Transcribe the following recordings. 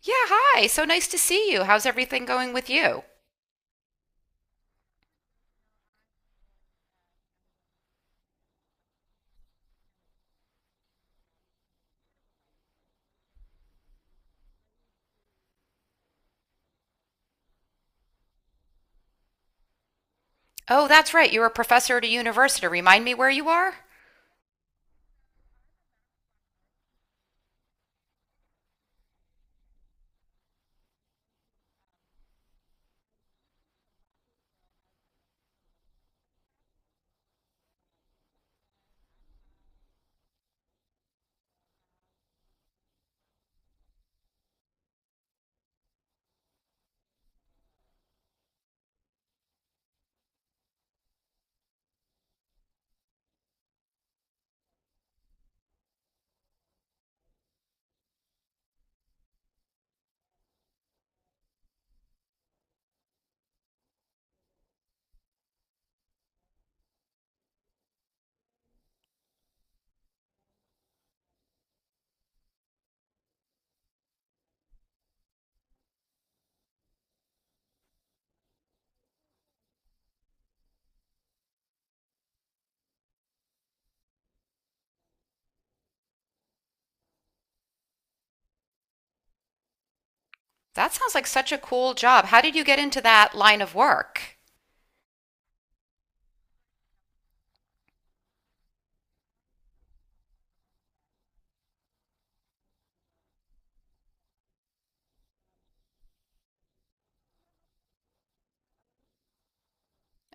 Yeah, hi. So nice to see you. How's everything going with you? Oh, that's right. You're a professor at a university. Remind me where you are? That sounds like such a cool job. How did you get into that line of work?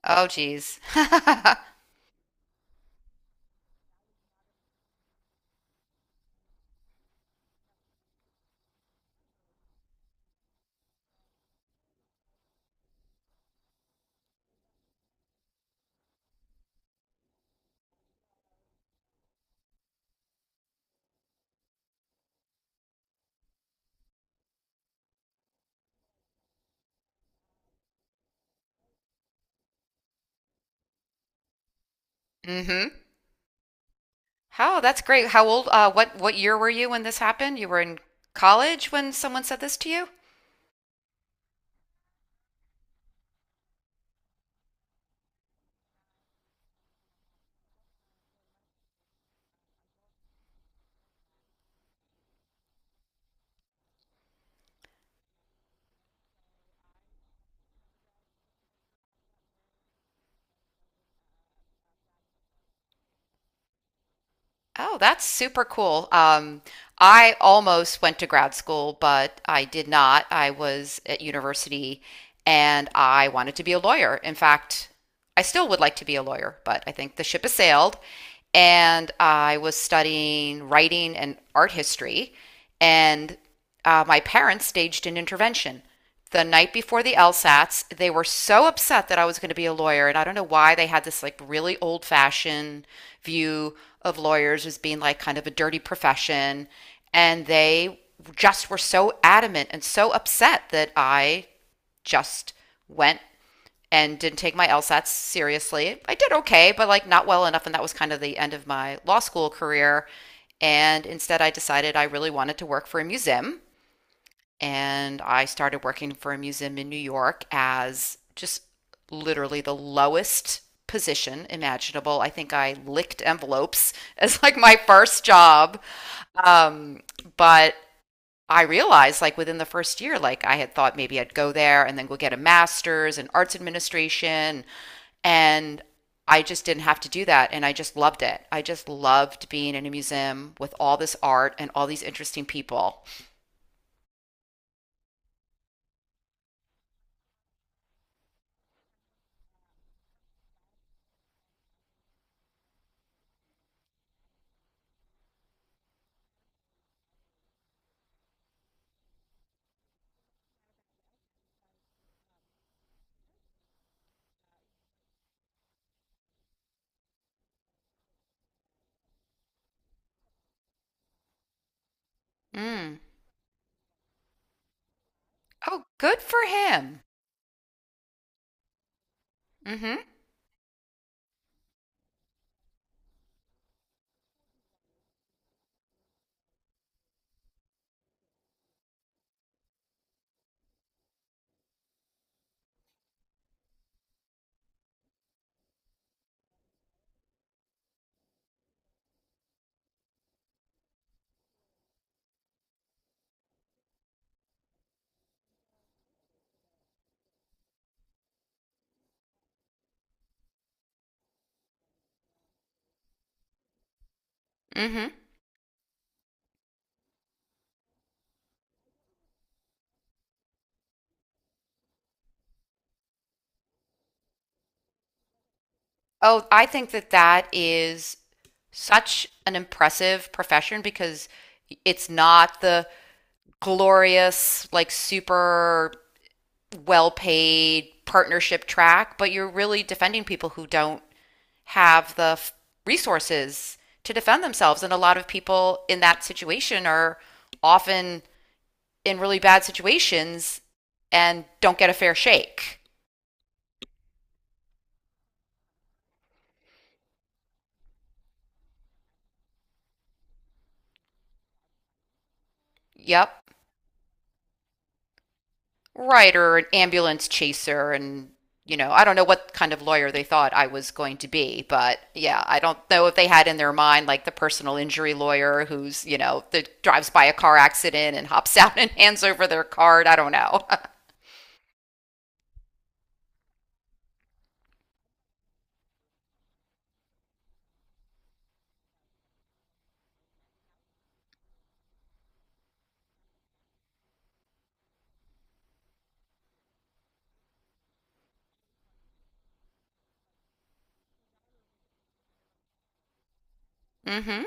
Oh, geez. Mm-hmm. Oh, that's great. How old, what year were you when this happened? You were in college when someone said this to you? Oh, that's super cool. I almost went to grad school, but I did not. I was at university and I wanted to be a lawyer. In fact, I still would like to be a lawyer, but I think the ship has sailed. And I was studying writing and art history, and my parents staged an intervention the night before the LSATs. They were so upset that I was going to be a lawyer. And I don't know why they had this like really old fashioned view of lawyers as being like kind of a dirty profession. And they just were so adamant and so upset that I just went and didn't take my LSATs seriously. I did okay, but like not well enough. And that was kind of the end of my law school career. And instead, I decided I really wanted to work for a museum and I started working for a museum in New York as just literally the lowest position imaginable. I think I licked envelopes as like my first job. Um, but I realized like within the first year, like I had thought maybe I'd go there and then go get a master's in arts administration. And I just didn't have to do that. And I just loved it. I just loved being in a museum with all this art and all these interesting people. Mm. Oh, good for him. Mm. Mhm. Mm. Mhm. Oh, I think that that is such an impressive profession because it's not the glorious, like super well-paid partnership track, but you're really defending people who don't have resources to defend themselves. And a lot of people in that situation are often in really bad situations and don't get a fair shake. Yep. Right, or an ambulance chaser, and you know, I don't know what kind of lawyer they thought I was going to be, but yeah, I don't know if they had in their mind like the personal injury lawyer who's, you know, that drives by a car accident and hops out and hands over their card. I don't know. Mm-hmm.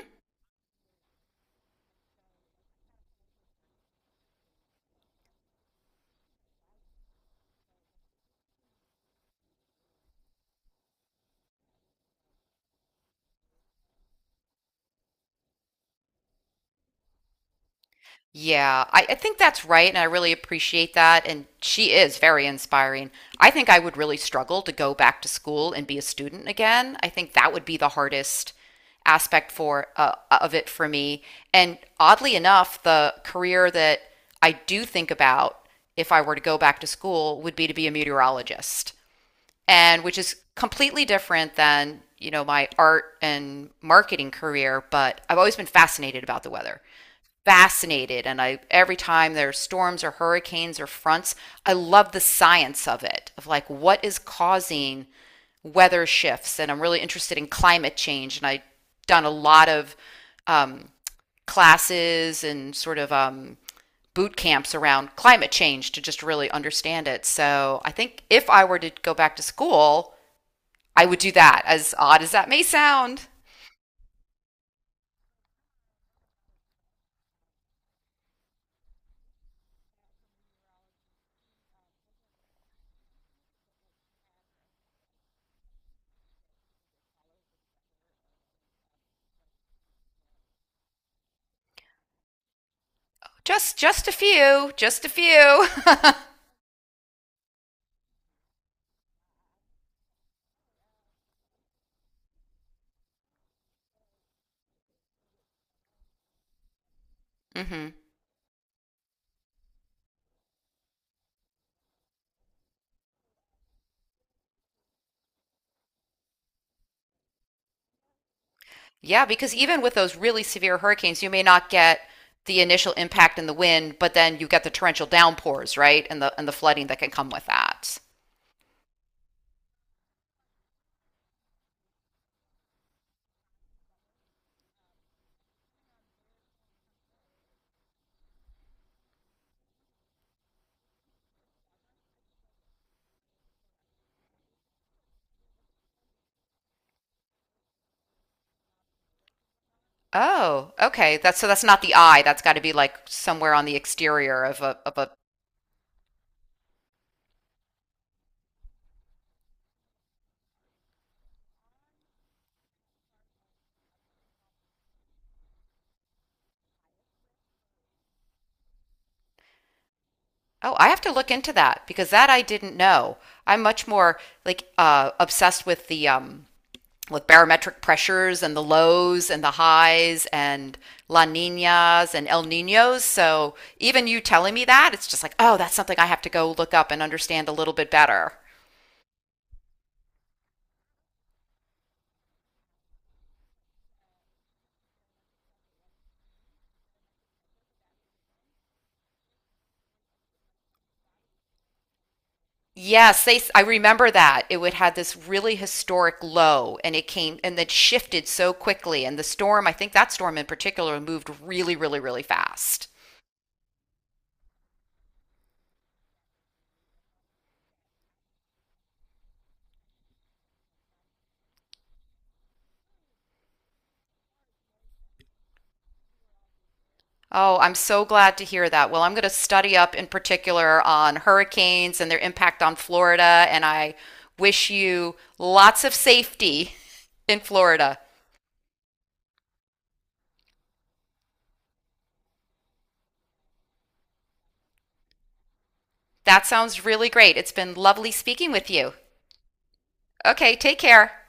Yeah, I think that's right, and I really appreciate that. And she is very inspiring. I think I would really struggle to go back to school and be a student again. I think that would be the hardest aspect for of it for me. And oddly enough, the career that I do think about if I were to go back to school would be to be a meteorologist and which is completely different than you know my art and marketing career, but I've always been fascinated about the weather. Fascinated. And I every time there's storms or hurricanes or fronts, I love the science of it of like what is causing weather shifts, and I'm really interested in climate change, and I've done a lot of um, classes and sort of boot camps around climate change to just really understand it. So I think if I were to go back to school, I would do that, as odd as that may sound. Just a few, just a few. Hmm. Yeah, because even with those really severe hurricanes, you may not get the initial impact in the wind, but then you get the torrential downpours, right? And the flooding that can come with that. Oh, okay. That's, so that's not the eye. That's got to be like somewhere on the exterior of a Oh, I have to look into that because that I didn't know. I'm much more like obsessed with the with barometric pressures and the lows and the highs and La Ninas and El Ninos. So even you telling me that, it's just like, oh, that's something I have to go look up and understand a little bit better. Yes, they, I remember that. It would had this really historic low and it came and it shifted so quickly, and the storm, I think that storm in particular moved really really really fast. Oh, I'm so glad to hear that. Well, I'm going to study up in particular on hurricanes and their impact on Florida, and I wish you lots of safety in Florida. That sounds really great. It's been lovely speaking with you. Okay, take care.